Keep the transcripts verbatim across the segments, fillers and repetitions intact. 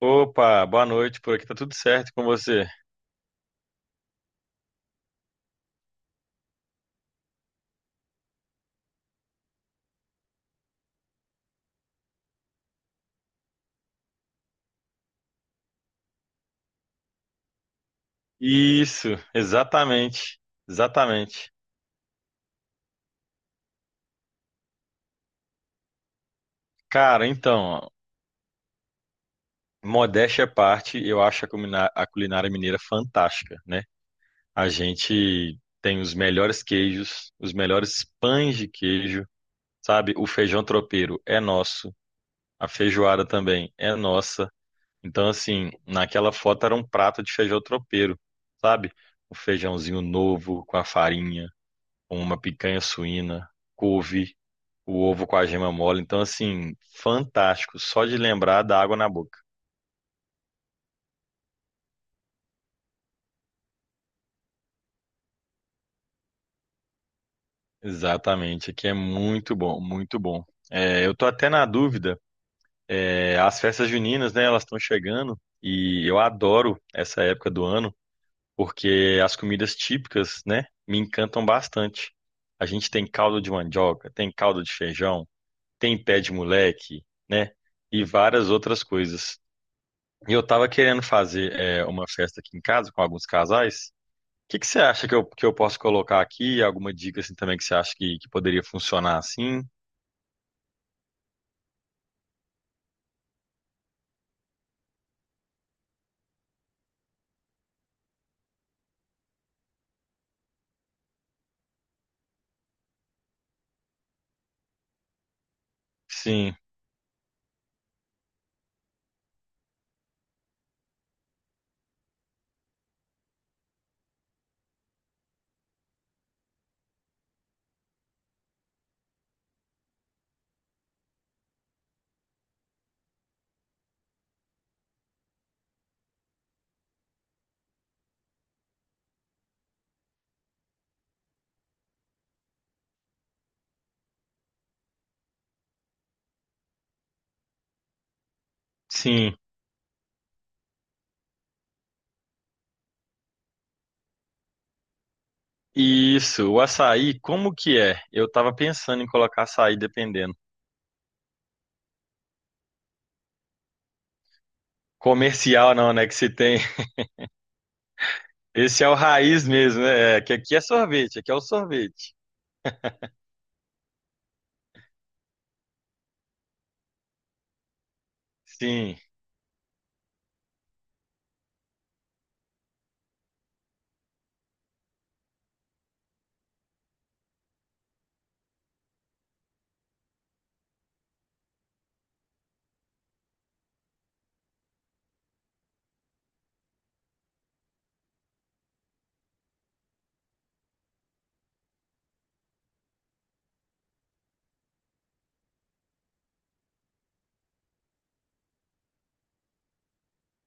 Opa, boa noite. Por aqui tá tudo certo com você? Isso, exatamente. Exatamente. Cara, então, ó, modéstia à parte, eu acho a culina- a culinária mineira fantástica, né? A gente tem os melhores queijos, os melhores pães de queijo, sabe? O feijão tropeiro é nosso, a feijoada também é nossa. Então, assim, naquela foto era um prato de feijão tropeiro, sabe? O feijãozinho novo com a farinha, uma picanha suína, couve, o ovo com a gema mole. Então, assim, fantástico. Só de lembrar dá água na boca. Exatamente, aqui é muito bom, muito bom. É, eu tô até na dúvida. É, as festas juninas, né, elas estão chegando e eu adoro essa época do ano porque as comidas típicas, né, me encantam bastante. A gente tem caldo de mandioca, tem caldo de feijão, tem pé de moleque, né, e várias outras coisas. E eu tava querendo fazer é, uma festa aqui em casa com alguns casais. O que que você acha que eu, que eu posso colocar aqui? Alguma dica assim também que você acha que, que poderia funcionar assim? Sim, sim. Isso, o açaí, como que é? Eu tava pensando em colocar açaí dependendo. Comercial não, né? Que se tem. Esse é o raiz mesmo, né? É, que aqui é sorvete, aqui é o sorvete. Sim,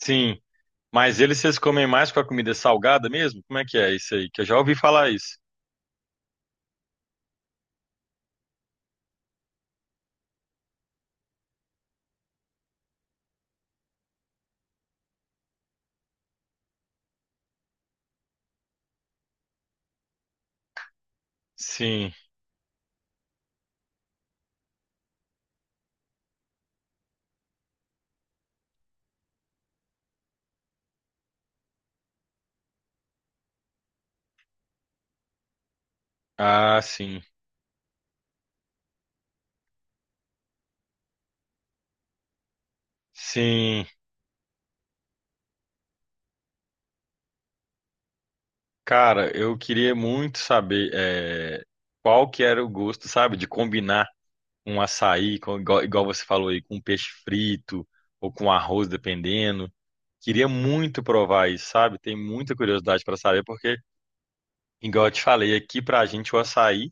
sim. Mas eles, vocês comem mais com a comida salgada mesmo? Como é que é isso aí? Que eu já ouvi falar isso. Sim. Ah, sim. Sim, cara, eu queria muito saber eh, qual que era o gosto, sabe, de combinar um açaí, com- igual, igual você falou aí, com peixe frito ou com arroz, dependendo. Queria muito provar isso, sabe? Tem muita curiosidade para saber, porque, igual eu te falei, aqui pra gente o açaí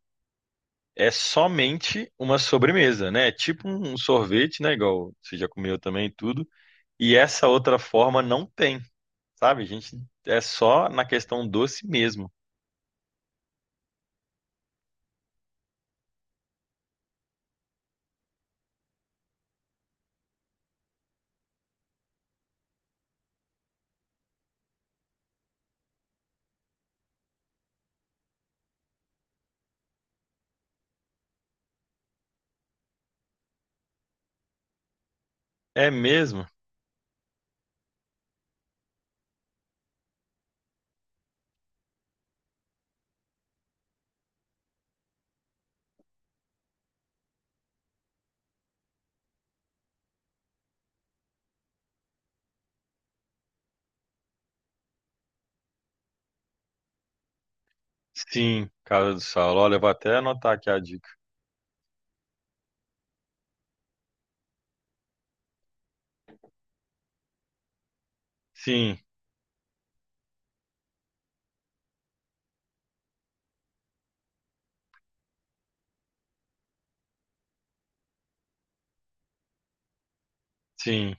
é somente uma sobremesa, né? É tipo um sorvete, né? Igual você já comeu também e tudo. E essa outra forma não tem, sabe? A gente é só na questão doce mesmo. É mesmo? Sim, Casa do Saulo. Olha, eu vou até anotar aqui a dica. Sim, sim.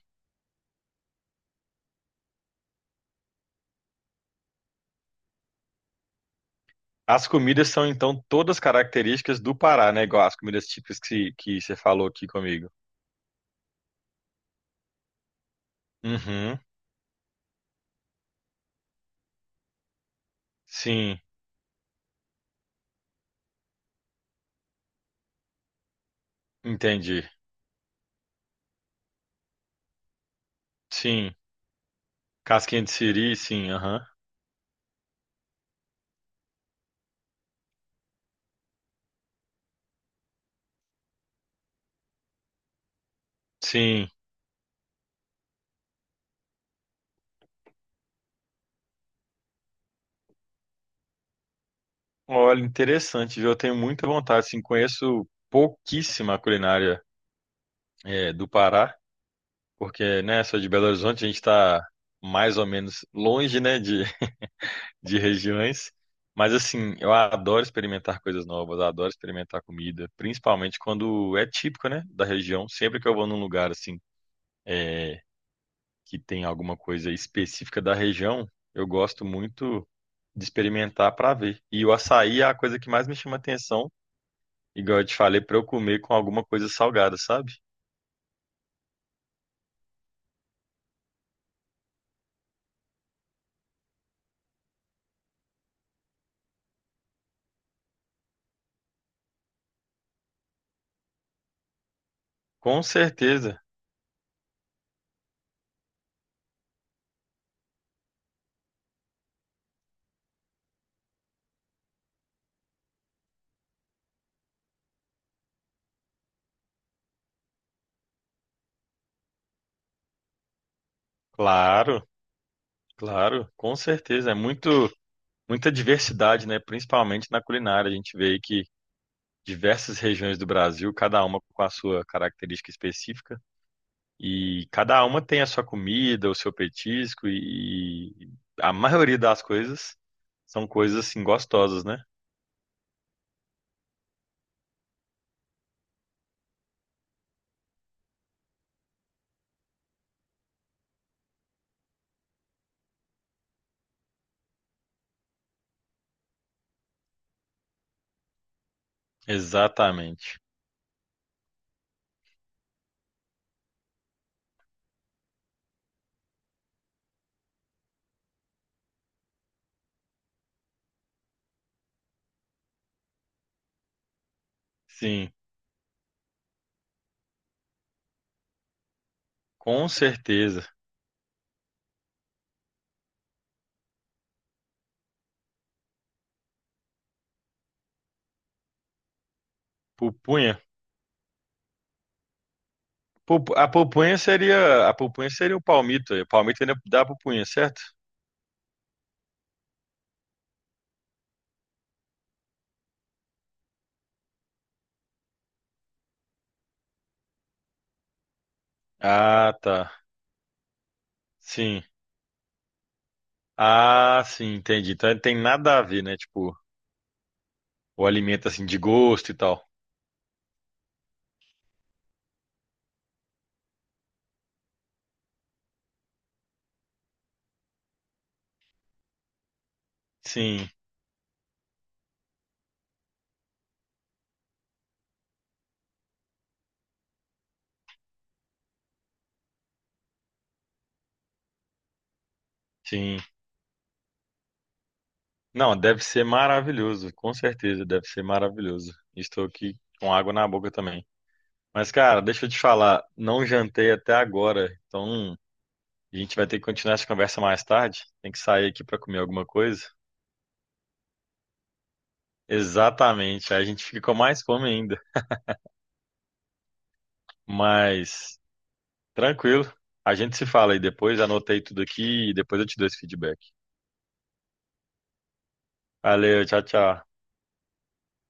As comidas são então todas características do Pará, né? Igual as comidas típicas que, que você falou aqui comigo. Uhum. Sim, entendi. Sim. Casquinha de siri, sim, aham. Sim. Olha, interessante, viu? Eu tenho muita vontade, assim, conheço pouquíssima culinária é, do Pará, porque, né, sou de Belo Horizonte, a gente tá mais ou menos longe, né, de, de regiões. Mas assim, eu adoro experimentar coisas novas, adoro experimentar comida, principalmente quando é típico, né, da região. Sempre que eu vou num lugar assim, é, que tem alguma coisa específica da região, eu gosto muito de experimentar para ver. E o açaí é a coisa que mais me chama atenção, igual eu te falei, para eu comer com alguma coisa salgada, sabe? Com certeza, claro, claro, com certeza. É muito, muita diversidade, né, principalmente na culinária. A gente vê aí que diversas regiões do Brasil, cada uma com a sua característica específica, e cada uma tem a sua comida, o seu petisco, e e a maioria das coisas são coisas assim gostosas, né? Exatamente. Sim, com certeza. Pupunha. Pupu- A pupunha seria, a pupunha seria o palmito. O palmito ainda dá pupunha, certo? Ah, tá. Sim. Ah, sim, entendi. Então não tem nada a ver, né? Tipo, o alimento assim de gosto e tal. Sim, sim. Não, deve ser maravilhoso, com certeza, deve ser maravilhoso. Estou aqui com água na boca também. Mas, cara, deixa eu te falar, não jantei até agora, então a gente vai ter que continuar essa conversa mais tarde. Tem que sair aqui para comer alguma coisa. Exatamente, aí a gente fica com mais fome ainda. Mas, tranquilo, a gente se fala aí depois. Anotei tudo aqui e depois eu te dou esse feedback. Valeu, tchau, tchau.